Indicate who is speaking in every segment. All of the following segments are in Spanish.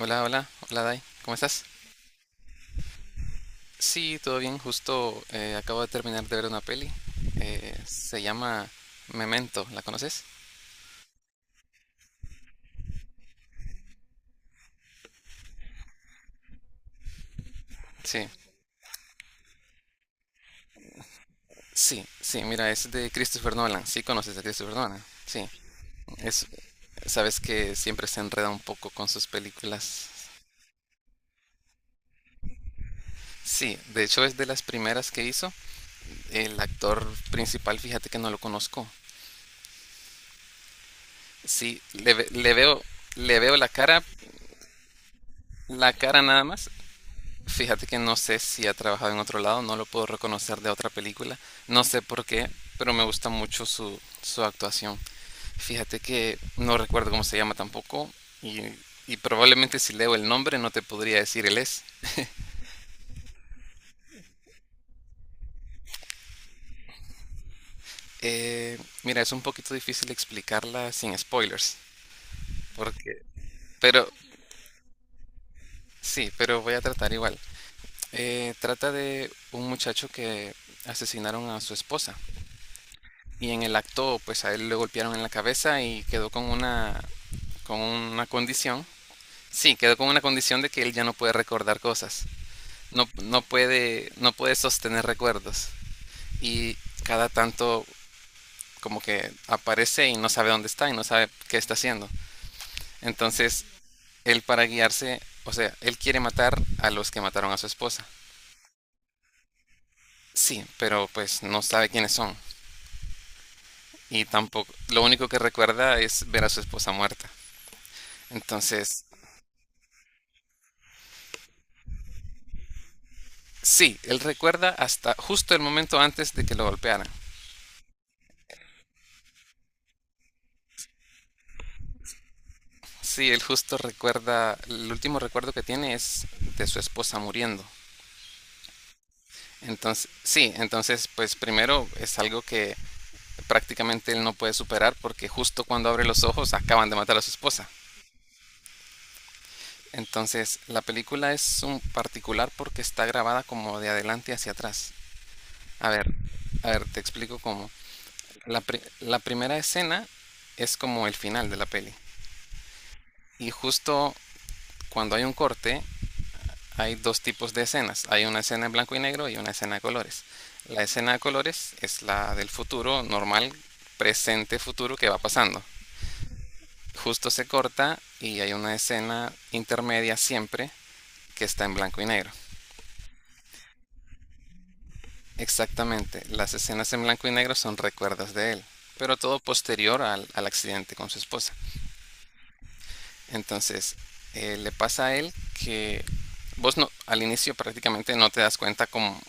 Speaker 1: Hola, hola, hola Dai, ¿cómo estás? Sí, todo bien, justo acabo de terminar de ver una peli, se llama Memento, ¿la conoces? Sí, sí, mira, es de Christopher Nolan, sí conoces a Christopher Nolan, sí, es, sabes que siempre se enreda un poco con sus películas. Sí, de hecho es de las primeras que hizo. El actor principal, fíjate que no lo conozco, sí, le veo la cara nada más. Fíjate que no sé si ha trabajado en otro lado, no lo puedo reconocer de otra película, no sé por qué, pero me gusta mucho su actuación. Fíjate que no recuerdo cómo se llama tampoco y, y probablemente si leo el nombre no te podría decir él es. Eh, mira, es un poquito difícil explicarla sin spoilers, porque, pero sí, pero voy a tratar igual. Trata de un muchacho que asesinaron a su esposa y en el acto pues a él le golpearon en la cabeza y quedó con una condición. Sí, quedó con una condición de que él ya no puede recordar cosas. No, no puede sostener recuerdos y cada tanto como que aparece y no sabe dónde está y no sabe qué está haciendo. Entonces, él para guiarse, o sea, él quiere matar a los que mataron a su esposa. Sí, pero pues no sabe quiénes son y tampoco lo único que recuerda es ver a su esposa muerta. Entonces, sí, él recuerda hasta justo el momento antes de que lo golpearan. Sí, él justo recuerda, el último recuerdo que tiene es de su esposa muriendo. Entonces, sí, entonces pues primero es algo que prácticamente él no puede superar porque justo cuando abre los ojos acaban de matar a su esposa. Entonces, la película es un particular porque está grabada como de adelante hacia atrás. A ver, a ver, te explico cómo. La primera escena es como el final de la peli. Y justo cuando hay un corte, hay dos tipos de escenas. Hay una escena en blanco y negro y una escena de colores. La escena de colores es la del futuro normal, presente, futuro que va pasando. Justo se corta y hay una escena intermedia siempre que está en blanco y negro. Exactamente, las escenas en blanco y negro son recuerdos de él, pero todo posterior al accidente con su esposa. Entonces, le pasa a él que vos no, al inicio prácticamente no te das cuenta como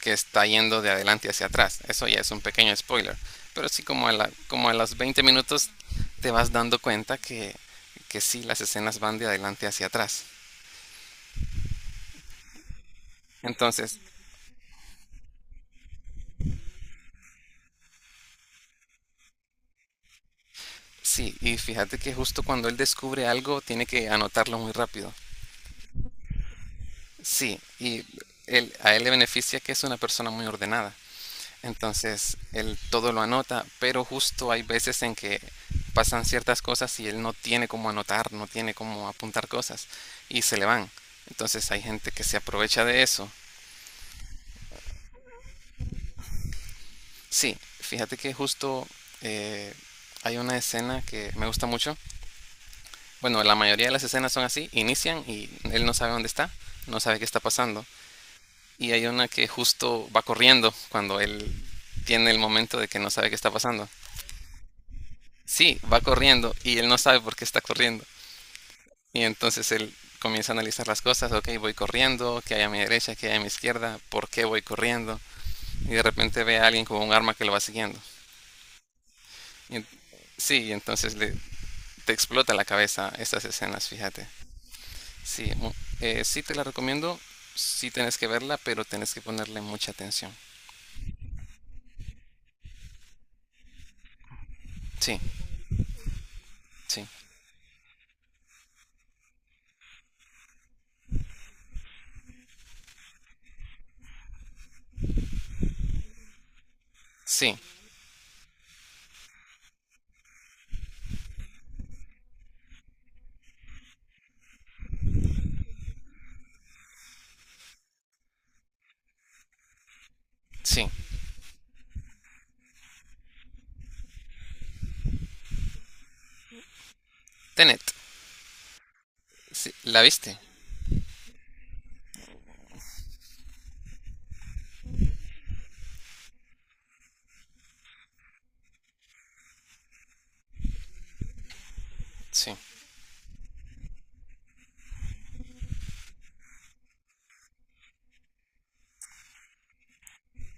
Speaker 1: que está yendo de adelante hacia atrás. Eso ya es un pequeño spoiler. Pero sí como como a los 20 minutos te vas dando cuenta que sí, las escenas van de adelante hacia atrás. Entonces, sí, y fíjate que justo cuando él descubre algo tiene que anotarlo muy rápido. Sí, y él, a él le beneficia que es una persona muy ordenada. Entonces él todo lo anota, pero justo hay veces en que pasan ciertas cosas y él no tiene cómo anotar, no tiene cómo apuntar cosas y se le van. Entonces hay gente que se aprovecha de eso. Sí, fíjate que justo eh, hay una escena que me gusta mucho. Bueno, la mayoría de las escenas son así, inician y él no sabe dónde está, no sabe qué está pasando. Y hay una que justo va corriendo cuando él tiene el momento de que no sabe qué está pasando. Sí, va corriendo y él no sabe por qué está corriendo. Y entonces él comienza a analizar las cosas, ok, voy corriendo, qué hay a mi derecha, qué hay a mi izquierda, por qué voy corriendo. Y de repente ve a alguien con un arma que lo va siguiendo. Y- sí, y entonces te explota la cabeza estas escenas, fíjate. Sí, sí te la recomiendo, sí tienes que verla, pero tienes que ponerle mucha atención. Sí, sí, sí, sí. Tenet, sí, ¿la viste? Sí,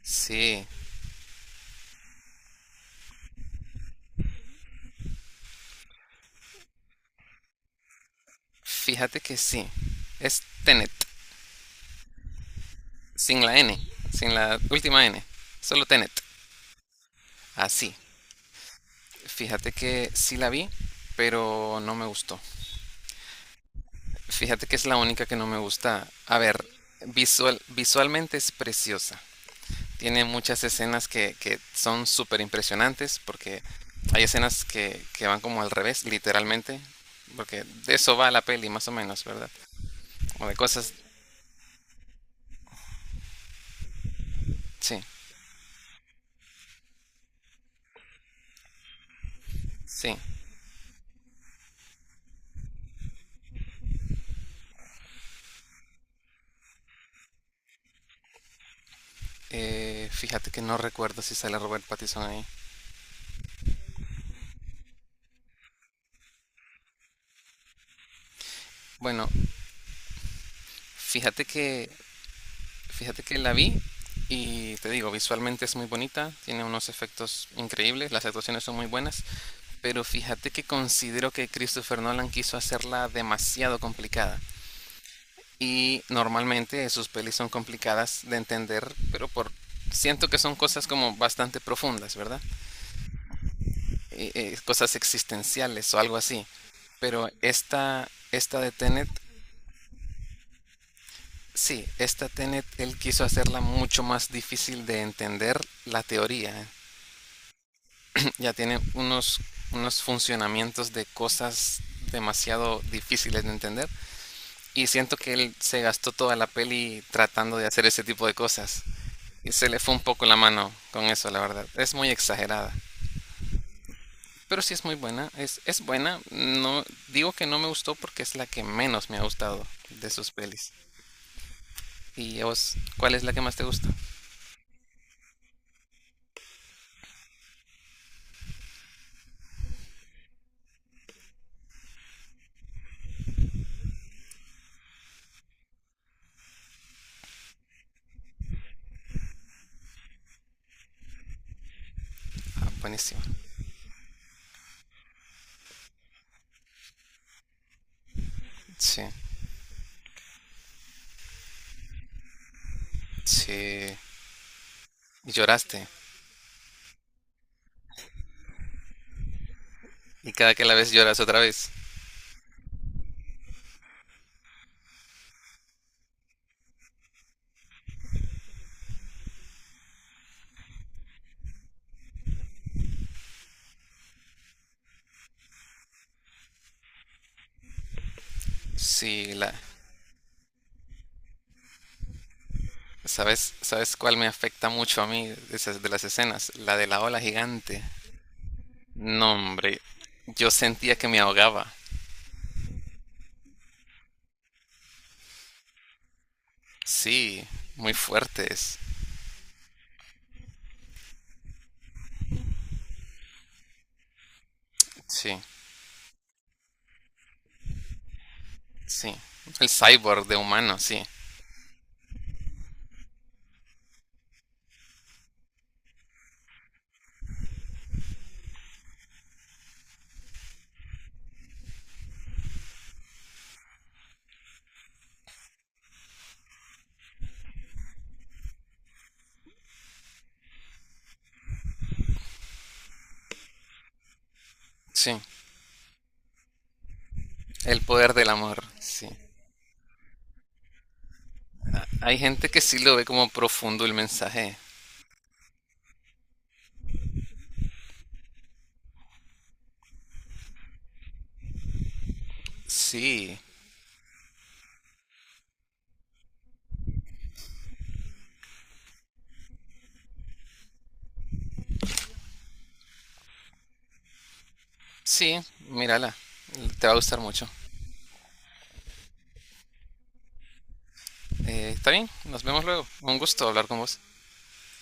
Speaker 1: sí, fíjate que sí. Es Tenet. Sin la N, sin la última N. Solo Tenet. Así. Fíjate que sí la vi, pero no me gustó. Fíjate que es la única que no me gusta. A ver, visualmente es preciosa. Tiene muchas escenas que son súper impresionantes porque hay escenas que van como al revés, literalmente. Porque de eso va la peli, más o menos, ¿verdad? Como de cosas... Sí, sí. Fíjate que no recuerdo si sale Robert Pattinson ahí. Bueno, fíjate que fíjate que la vi y te digo, visualmente es muy bonita, tiene unos efectos increíbles, las actuaciones son muy buenas, pero fíjate que considero que Christopher Nolan quiso hacerla demasiado complicada. Y normalmente sus pelis son complicadas de entender, pero por siento que son cosas como bastante profundas, ¿verdad? Cosas existenciales o algo así. Pero esta de Tenet, sí, esta Tenet, él quiso hacerla mucho más difícil de entender la teoría. Ya tiene unos funcionamientos de cosas demasiado difíciles de entender. Y siento que él se gastó toda la peli tratando de hacer ese tipo de cosas. Y se le fue un poco la mano con eso, la verdad. Es muy exagerada. Pero sí es muy buena. Es buena. No, digo que no me gustó porque es la que menos me ha gustado de sus pelis. ¿Y a vos, cuál es la que más te gusta? Ah, buenísima. Sí, sí. Y lloraste. Y cada que la ves lloras otra vez. Sí, la, ¿Sabes, sabes cuál me afecta mucho a mí de esas- de las escenas? La de la ola gigante. No, hombre, yo sentía que me ahogaba. Sí, muy fuerte es. Sí, sí. El cyborg de humano, sí. Sí. El poder del amor, sí. Hay gente que sí lo ve como profundo el mensaje. Sí, sí, mírala. Te va a gustar mucho. Está bien, nos vemos luego. Un gusto hablar con vos.